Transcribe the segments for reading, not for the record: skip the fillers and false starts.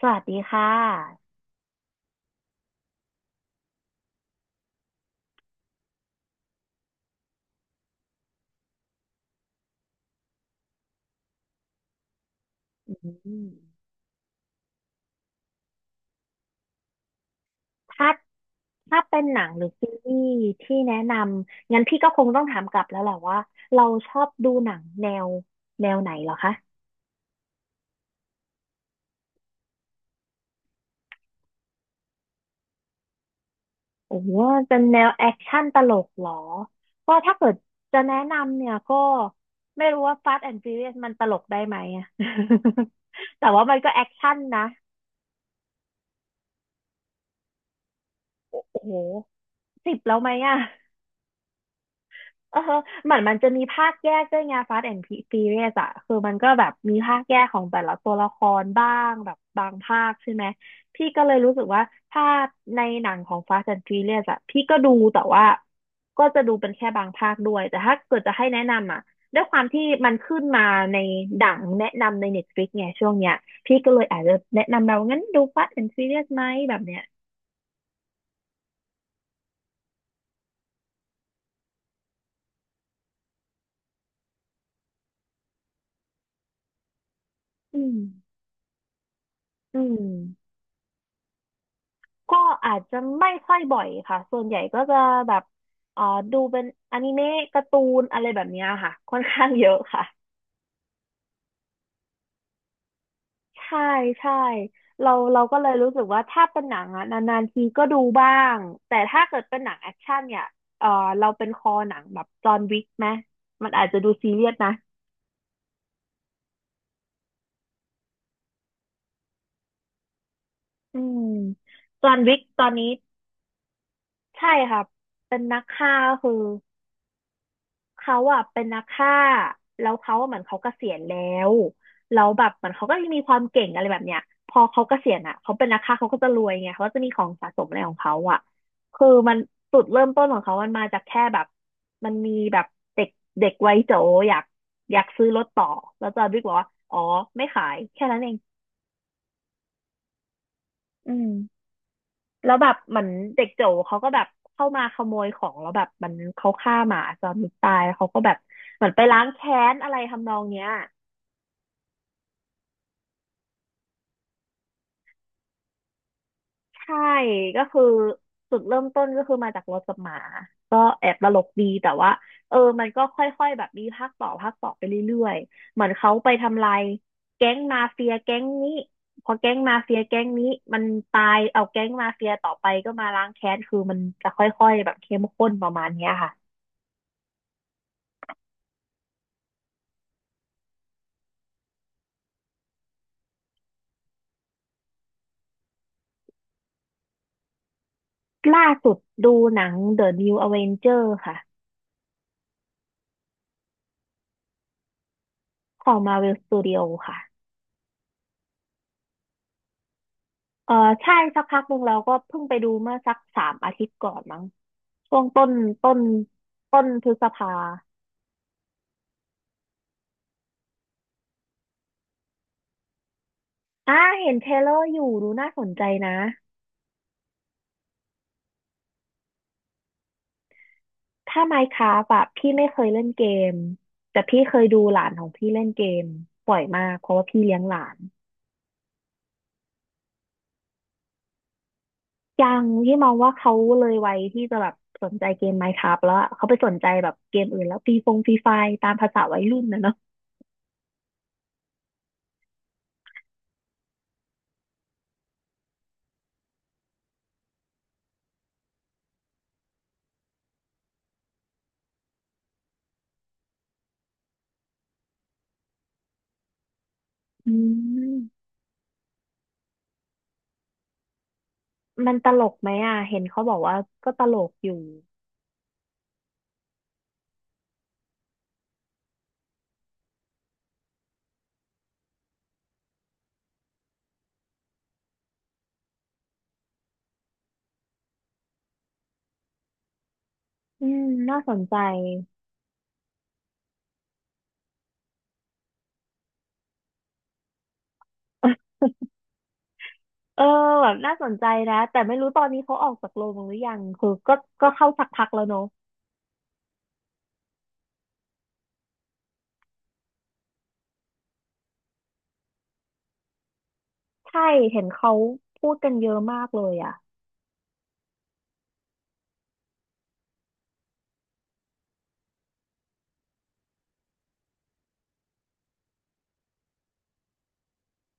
สวัสดีค่ะอืมถ้าถ้าเป็นหนังหรือซีรีส์ที่แนะนำ งั้นพี่ก็คงต้องถามกลับแล้วแหละว่าเราชอบดูหนังแนวไหนเหรอคะ โอ้โหเป็นแนวแอคชั่นตลกเหรอก็ถ้าเกิดจะแนะนำเนี่ยก็ไม่รู้ว่า Fast and Furious มันตลกได้ไหมอะ แต่ว่ามันก็แอคชั่นนะ โอ้โห สิบแล้วไหมอะ เออเหมือนมันจะมีภาคแยกด้วยไง Fast and Furious อะคือมันก็แบบมีภาคแยกของแต่ละตัวละครบ้างแบบบางภาคใช่ไหมพี่ก็เลยรู้สึกว่าถ้าในหนังของ Fast and Furious อะพี่ก็ดูแต่ว่าก็จะดูเป็นแค่บางภาคด้วยแต่ถ้าเกิดจะให้แนะนำอะด้วยความที่มันขึ้นมาในดังแนะนำใน Netflix ไงช่วงเนี้ยพี่ก็เลยอาจจะแนะนำเรางั้นดู Fast and Furious ไหมแบบเนี้ยอืมอืม ก็อาจจะไม่ค่อยบ่อยค่ะ ส่วนใหญ่ก็จะแบบเอ่อดูเป็นอนิเมะการ์ตูนอะไรแบบเนี้ยค่ะ ค่อนข้างเยอะค่ะใช่ใช่เราก็เลยรู้สึกว่าถ้าเป็นหนังอะนานๆทีก็ดูบ้างแต่ถ้าเกิดเป็นหนังแอคชั่นเนี่ยเออเราเป็นคอหนังแบบจอห์นวิกไหมมันอาจจะดูซีเรียสนะอืมจอห์นวิกตอนนี้ใช่ค่ะเป็นนักฆ่าคือ เขาอ่ะเป็นนักฆ่าแล้วเขาอะเหมือนเขาเกษียณแล้วแล้วแบบเหมือนเขาก็ยังมีความเก่งอะไรแบบเนี้ยพอเขาเกษียณอ่ะเขาเป็นนักฆ่าเขาก็จะรวยไงเขาก็จะมีของสะสมอะไรของเขาอ่ะคือมันจุดเริ่มต้นของเขามันมาจากแค่แบบมันมีแบบเด็กเด็กวัยโจอยากอยากซื้อรถต่อแล้วจอห์นวิกบอกว่าอ๋อไม่ขายแค่นั้นเองอืมแล้วแบบเหมือนเด็กโจเขาก็แบบเข้ามาขโมยของแล้วแบบมันเขาฆ่าหมาจอห์นวิกตายแล้วเขาก็แบบเหมือนไปล้างแค้นอะไรทำนองเนี้ย ใช่ก็คือจุดเริ่มต้นก็คือมาจากรถกับหมาก็แอบตลกดีแต่ว่าเออมันก็ค่อยๆแบบมีภาคต่อภาคต่อไปเรื่อยๆเหมือนเขาไปทำลายแก๊งมาเฟียแก๊งนี้พอแก๊งมาเฟียแก๊งนี้มันตายเอาแก๊งมาเฟียต่อไปก็มาล้างแค้นคือมันจะค่อยๆแบบเข้มข้นประมาณเนี้ยค่ะล่าสุดดูหนัง The New Avenger ค่ะของ Marvel Studio ค่ะ เออใช่สักพักหนึ่งเราก็เพิ่งไปดูเมื่อสักสามอาทิตย์ก่อนมั้งช่วงต้นต้นพฤษภาอ่าเห็นเทรลเลอร์อยู่ดูน่าสนใจนะถ้าไม n ์คร a f t อะพี่ไม่เคยเล่นเกมแต่พี่เคยดูหลานของพี่เล่นเกมบ่อยมากเพราะว่าพี่เลี้ยงหลานยังที่มองว่าเขาเลยวัยที่จะแบบสนใจเกมไม n ์ค r า f t แล้วอะเขาไปสนใจแบบเกมอื่นแล้วฟรีฟงฟรีไฟตามภาษาวัยรุ่นนะเนาะอืมมันตลกไหมอ่ะเห็นเขาบอกว่าก็ตลกอยู่ อืมน่าสนใจเออแบบน่าสนใจนะ แต่ไม่รู้ตอนนี้เขาออกจากโรงหรือยังคือก็ก็เข้าสักพักแล้วเนอะ ใช่ เห็นเขาพูดกันเยอะมากเลยอ่ะ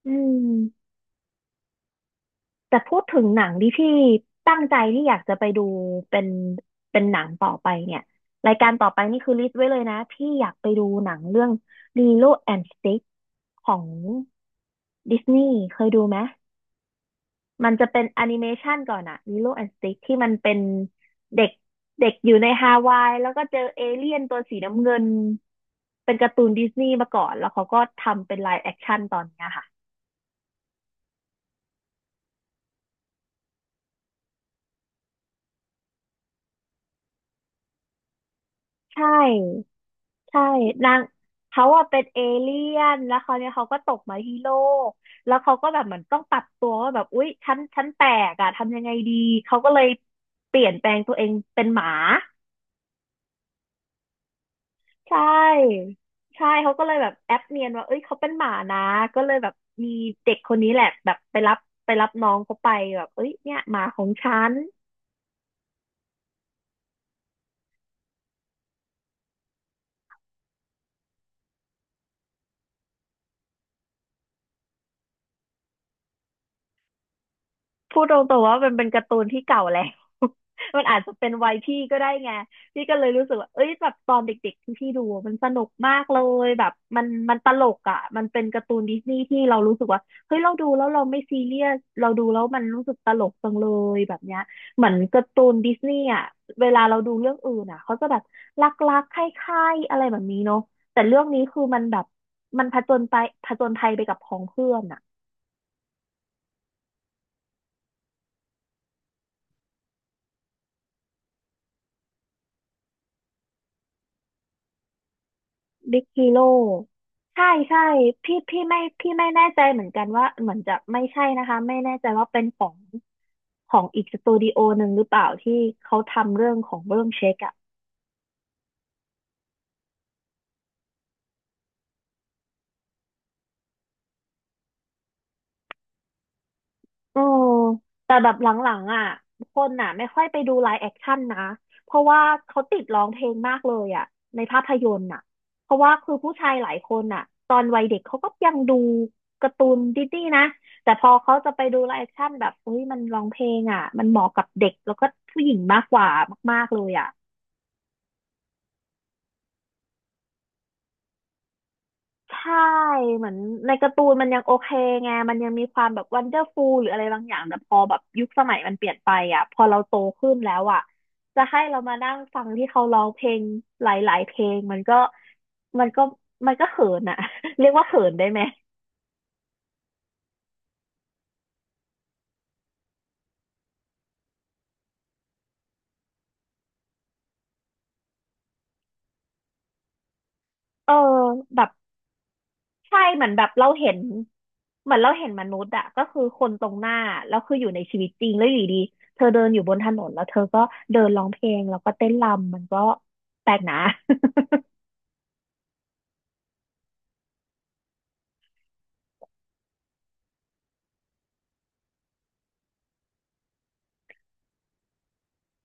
อืมแต่พูดถึงหนังที่พี่ตั้งใจที่อยากจะไปดูเป็นหนังต่อไปเนี่ย รายการต่อไปนี่คือลิสต์ไว้เลยนะ พี่อยากไปดูหนังเรื่อง Lilo and Stitch ของดิสนีย์เคยดูไหม มันจะเป็นแอนิเมชันก่อนอะมิโลแอนด์สติกที่มันเป็นเด็กเด็กอยู่ในฮาวายแล้วก็เจอเอเลี่ยนตัวสีน้ำเงินเป็นการ์ตูนดิสนีย์มาก่อนแล้วเขาก็ทำเป็นไลฟ์แอคชั่นตอนเนี้ยค่ะใช่ใช่นางเขาอะเป็นเอเลี่ยนแล้วเขาวเนี่ยเขาก็ตกมาที่โลกแล้วเขาก็แบบเหมือนต้องปรับตัวว่าแบบอุ๊ยฉันแปลกอะทำยังไงดีเขาก็เลยเปลี่ยนแปลงตัวเองเป็นหมา ใช่ ใช่ เขาก็เลยแบบแอปเนียนว่าเอ้ยเขาเป็นหมานะ ก็เลยแบบมีเด็กคนนี้แหละแบบไปรับน้องเขาไปแบบเอ้ยเนี่ยหมาของฉัน พูดตรงๆว่ามันเป็นการ์ตูนที่เก่าแล้ว มันอาจจะเป็นวัยพี่ก็ได้ไงพี่ก็เลยรู้สึกว่าเอ้ยแบบตอนเด็กๆที่พี่ดูอะมันสนุกมากเลยแบบมันมันตลกอ่ะ มันเป็นการ์ตูนดิสนีย์ที่เรารู้สึกว่าเฮ้ยเราดูแล้วเราไม่ซีเรียสเราดูแล้วมันรู้สึกตลกจังเลยแบบเนี้ยเหมือนการ์ตูนดิสนีย์อ่ะ เวลาเราดูเรื่องอื่นอ่ะเขาจะแบบรักๆใคล้ายๆอะไรแบบนี้เนาะแต่เรื่องนี้คือมันแบบมันผจญภัยไปกับพ้องเพื่อนอ่ะ บิ๊กฮีโร่ใช่ใช่พี่ไม่พี่ไม่แน่ใจเหมือนกันว่าเหมือนจะไม่ใช่นะคะไม่แน่ใจว่าเป็นของอีกสตูดิโอหนึ่งหรือเปล่าที่เขาทำเรื่องเช็คอะ เออแต่แบบหลังๆอ่ะคนอ่ะไม่ค่อยไปดูไลฟ์แอคชั่นนะเพราะว่าเขาติดร้องเพลงมากเลยอ่ะในภาพยนตร์อ่ะเพราะว่าคือผู้ชายหลายคนอ่ะตอนวัยเด็กเขาก็ยังดูการ์ตูนดิสนีย์นะแต่พอเขาจะไปดูไลฟ์แอคชั่นแบบเฮ้ยมันร้องเพลงอ่ะมันเหมาะกับเด็กแล้วก็ผู้หญิงมากกว่ามากๆเลยอ่ะ ใช่เหมือนในการ์ตูนมันยังโอเคไงมันยังมีความแบบวันเดอร์ฟูลหรืออะไรบางอย่างแต่พอแบบยุคสมัยมันเปลี่ยนไปอ่ะพอเราโตขึ้นแล้วอ่ะจะให้เรามานั่งฟังที่เขาร้องเพลงหลายๆเพลงมันก็มันก็เขินอ่ะ เรียกว่าเขินได้ไหมเออแบบใช่เหมือนแบบเราเห็นเหมือนเราเห็นมนุษย์อ่ะก็คือคนตรงหน้าแล้วคืออยู่ในชีวิตจริงแล้วอยู่ดีๆเธอเดินอยู่บนถนนแล้วเธอก็เดินร้องเพลงแล้วก็เต้นรำมันก็แปลกนะ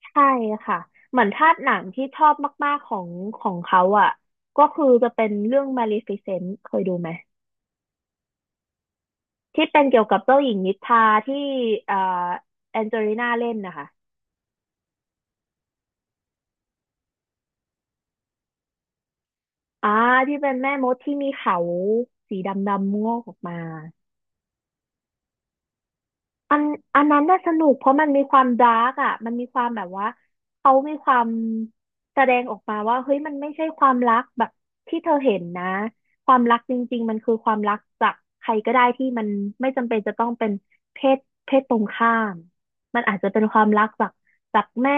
ใช่ค่ะเหมือนถ้าหนังที่ชอบมากๆของเขาอ่ะก็คือจะเป็นเรื่อง Maleficent เคยดูไหมที่เป็นเกี่ยวกับเจ้าหญิงนิทราที่เอ่อแอนเจลิน่าเล่นนะคะอ่าที่เป็นแม่มดที่มีเขาสีดำๆงอกออกมา อันอันนั้นน่าสนุกเพราะมันมีความดาร์กอ่ะมันมีความแบบว่าเขามีความแสดงออกมาว่าเฮ้ยมันไม่ใช่ความรักแบบที่เธอเห็นนะความรักจริงๆมันคือความรักจากใครก็ได้ที่มันไม่จำเป็นจะต้องเป็นเพศเพศตรงข้ามมันอาจจะเป็นความรักจากแม่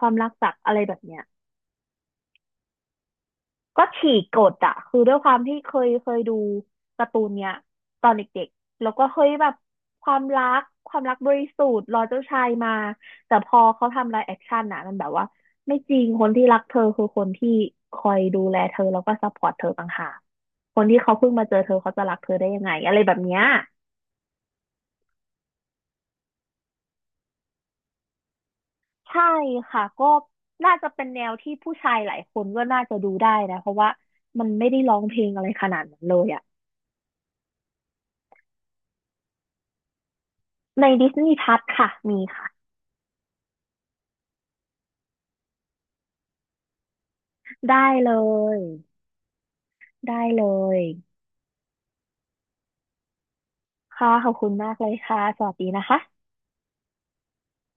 ความรักจากอะไรแบบเนี้ย ก็ฉีกกฎอะคือด้วยความที่เคยดูการ์ตูนเนี้ยตอนเด็กๆแล้วก็เฮ้ยแบบความรักความรักบริสุทธิ์รอเจ้าชายมาแต่พอเขาทำไลฟ์แอคชั่นอะมันแบบว่าไม่จริงคนที่รักเธอคือคนที่คอยดูแลเธอแล้วก็ซัพพอร์ตเธอต่างหากคนที่เขาเพิ่งมาเจอเธอเขาจะรักเธอได้ยังไงอะไรแบบเนี้ยใช่ค่ะก็น่าจะเป็นแนวที่ผู้ชายหลายคนก็น่าจะดูได้นะเพราะว่ามันไม่ได้ร้องเพลงอะไรขนาดนั้นเลยอะในดิสนีย์พัทค่ะมีค่ะ ได้เลย ได้เลยค่ะขอบคุณมากเลยค่ะ สวัสดีนะคะ